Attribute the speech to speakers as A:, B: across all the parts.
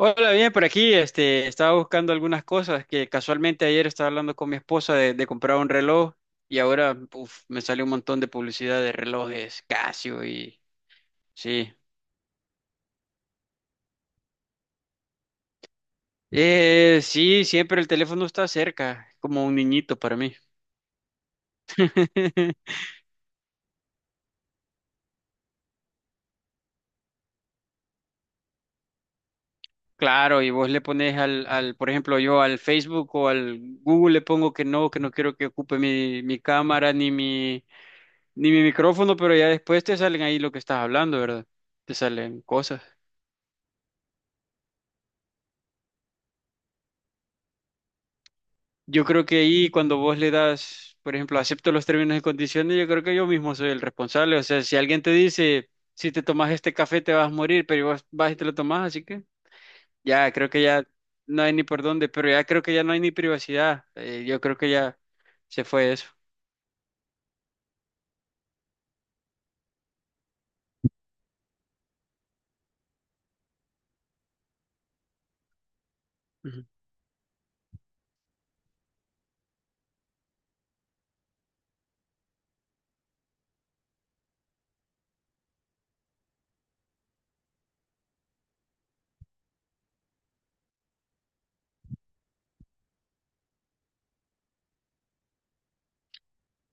A: Hola, bien, por aquí, estaba buscando algunas cosas que casualmente ayer estaba hablando con mi esposa de comprar un reloj y ahora uf, me sale un montón de publicidad de relojes Casio y sí. Sí, siempre el teléfono está cerca, como un niñito para mí. Claro, y vos le pones al, por ejemplo, yo al Facebook o al Google le pongo que no quiero que ocupe mi cámara ni mi micrófono, pero ya después te salen ahí lo que estás hablando, ¿verdad? Te salen cosas. Yo creo que ahí cuando vos le das, por ejemplo, acepto los términos y condiciones, yo creo que yo mismo soy el responsable. O sea, si alguien te dice, si te tomas este café te vas a morir, pero vos vas y te lo tomas, así que ya creo que ya no hay ni por dónde, pero ya creo que ya no hay ni privacidad. Yo creo que ya se fue eso.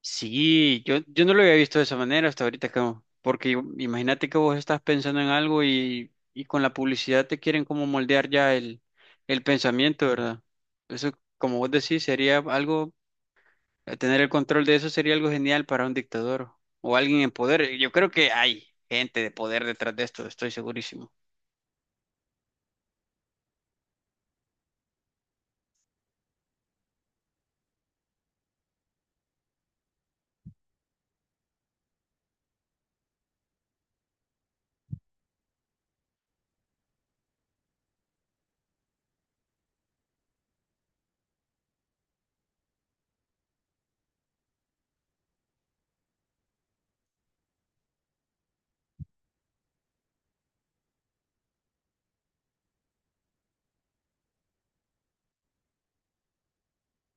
A: Sí, yo no lo había visto de esa manera hasta ahorita, Camo, porque imagínate que vos estás pensando en algo y con la publicidad te quieren como moldear ya el pensamiento, ¿verdad? Eso, como vos decís, sería algo, tener el control de eso sería algo genial para un dictador o alguien en poder. Yo creo que hay gente de poder detrás de esto, estoy segurísimo.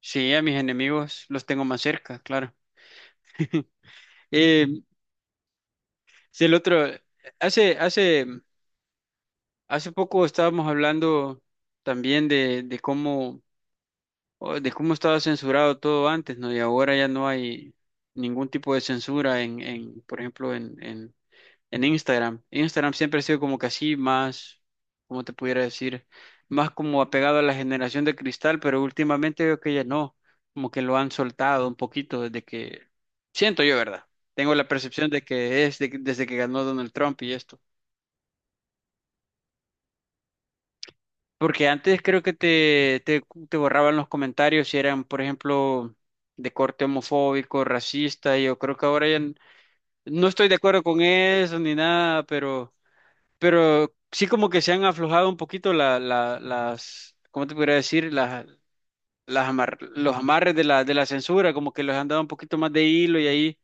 A: Sí, a mis enemigos los tengo más cerca, claro. Eh, si el otro, hace, hace Hace poco estábamos hablando también de cómo, o de cómo estaba censurado todo antes, ¿no? Y ahora ya no hay ningún tipo de censura en, por ejemplo, en Instagram. Instagram siempre ha sido como que así más, ¿cómo te pudiera decir? Más como apegado a la generación de cristal, pero últimamente veo que ya no, como que lo han soltado un poquito desde que, siento yo, ¿verdad? Tengo la percepción de que es desde que ganó Donald Trump y esto. Porque antes creo que te borraban los comentarios si eran, por ejemplo, de corte homofóbico, racista, y yo creo que ahora ya no estoy de acuerdo con eso ni nada, pero sí como que se han aflojado un poquito las, ¿cómo te podría decir? Los amarres de la censura, como que les han dado un poquito más de hilo y ahí.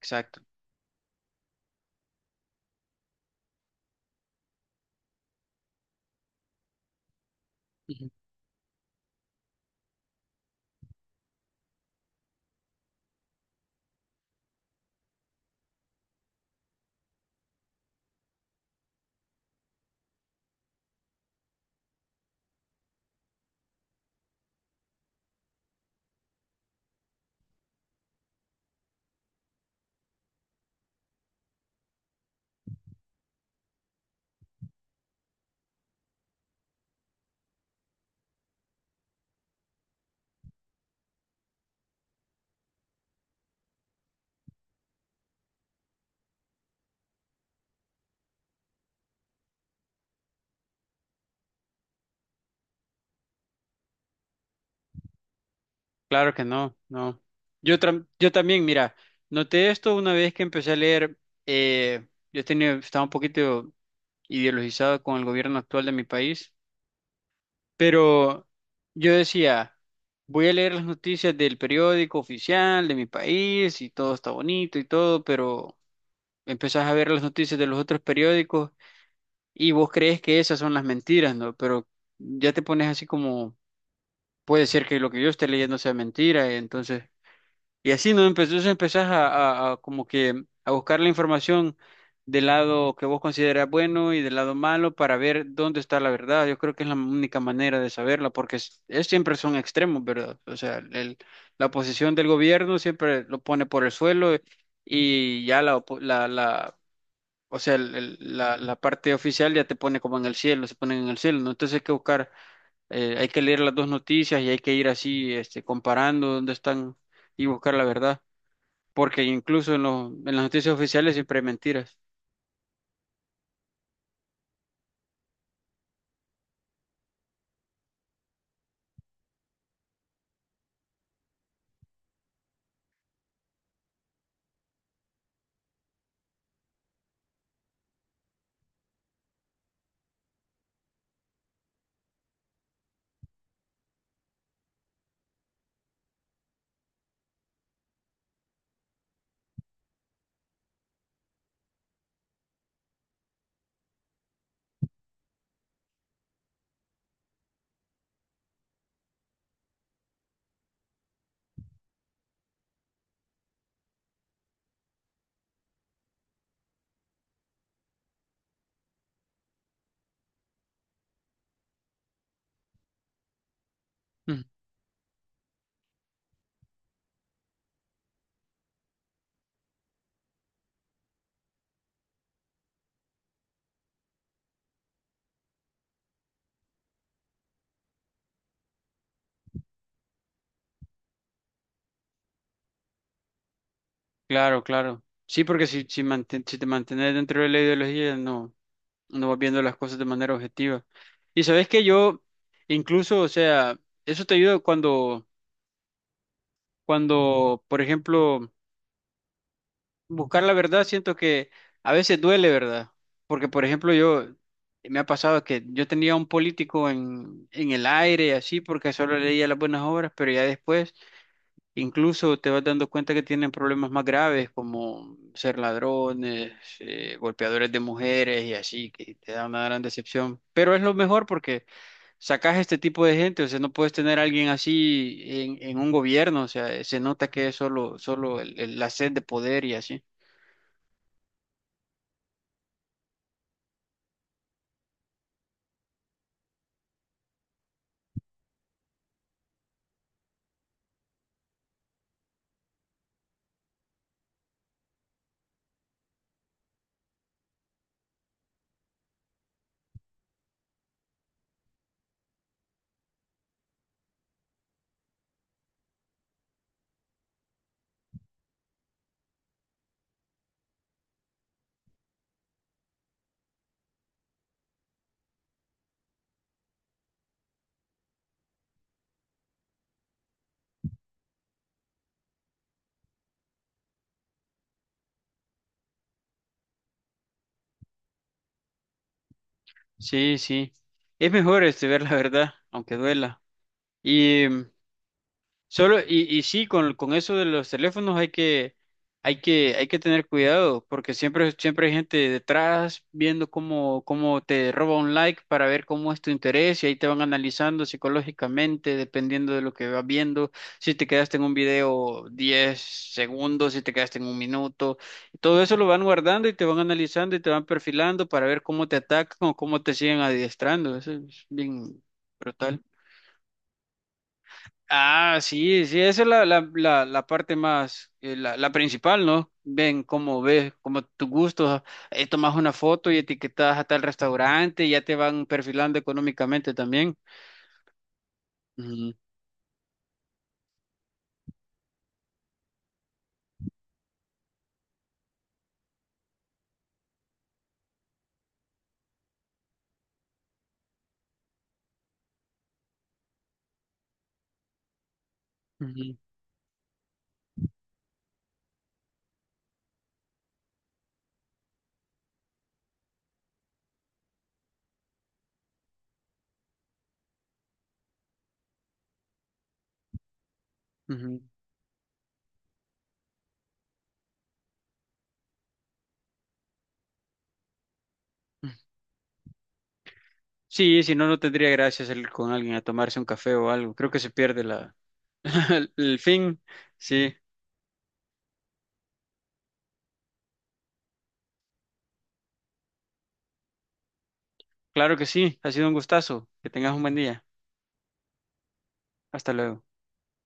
A: Exacto. Ujú. Claro que no, no. Yo también, mira, noté esto una vez que empecé a leer. Eh, yo tenía, estaba un poquito ideologizado con el gobierno actual de mi país, pero yo decía, voy a leer las noticias del periódico oficial de mi país y todo está bonito y todo, pero empezás a ver las noticias de los otros periódicos y vos crees que esas son las mentiras, ¿no? Pero ya te pones así como, puede ser que lo que yo esté leyendo sea mentira, entonces y así, ¿no? Entonces empezás a como que a buscar la información del lado que vos consideras bueno y del lado malo para ver dónde está la verdad. Yo creo que es la única manera de saberla, porque siempre son extremos, ¿verdad? O sea, la posición del gobierno siempre lo pone por el suelo y ya la, opo- la- o sea, la parte oficial ya te pone como en el cielo, se ponen en el cielo, ¿no? Entonces hay que buscar, hay que leer las dos noticias y hay que ir así, comparando dónde están y buscar la verdad porque incluso en las noticias oficiales siempre hay mentiras. Mm, Claro, claro. Sí, porque si te mantienes dentro de la ideología, no, no vas viendo las cosas de manera objetiva. Y sabes que yo, incluso, o sea, eso te ayuda cuando, cuando, por ejemplo, buscar la verdad, siento que a veces duele, ¿verdad? Porque, por ejemplo, yo, me ha pasado que yo tenía un político en el aire y así, porque solo leía las buenas obras, pero ya después incluso te vas dando cuenta que tienen problemas más graves como ser ladrones, golpeadores de mujeres y así, que te da una gran decepción. Pero es lo mejor porque sacas este tipo de gente, o sea, no puedes tener a alguien así en un gobierno, o sea, se nota que es solo la sed de poder y así. Sí, sí. Es mejor ver la verdad, aunque duela. Solo, y sí, con eso de los teléfonos hay que, hay que, hay que tener cuidado, porque siempre, siempre hay gente detrás viendo cómo te roba un like para ver cómo es tu interés, y ahí te van analizando psicológicamente, dependiendo de lo que vas viendo, si te quedaste en un video 10 segundos, si te quedaste en un minuto, y todo eso lo van guardando y te van analizando y te van perfilando para ver cómo te atacan o cómo te siguen adiestrando. Eso es bien brutal. Ah, sí, sí, esa es la parte más, la principal, ¿no? Ven cómo ves, cómo tus gustos, tomas una foto y etiquetas a tal restaurante, y ya te van perfilando económicamente también. Ujú, ujú, ujú. Sí, si no, no tendría gracia salir con alguien a tomarse un café o algo. Creo que se pierde la, el fin. Sí, claro que sí, ha sido un gustazo. Que tengas un buen día. Hasta luego.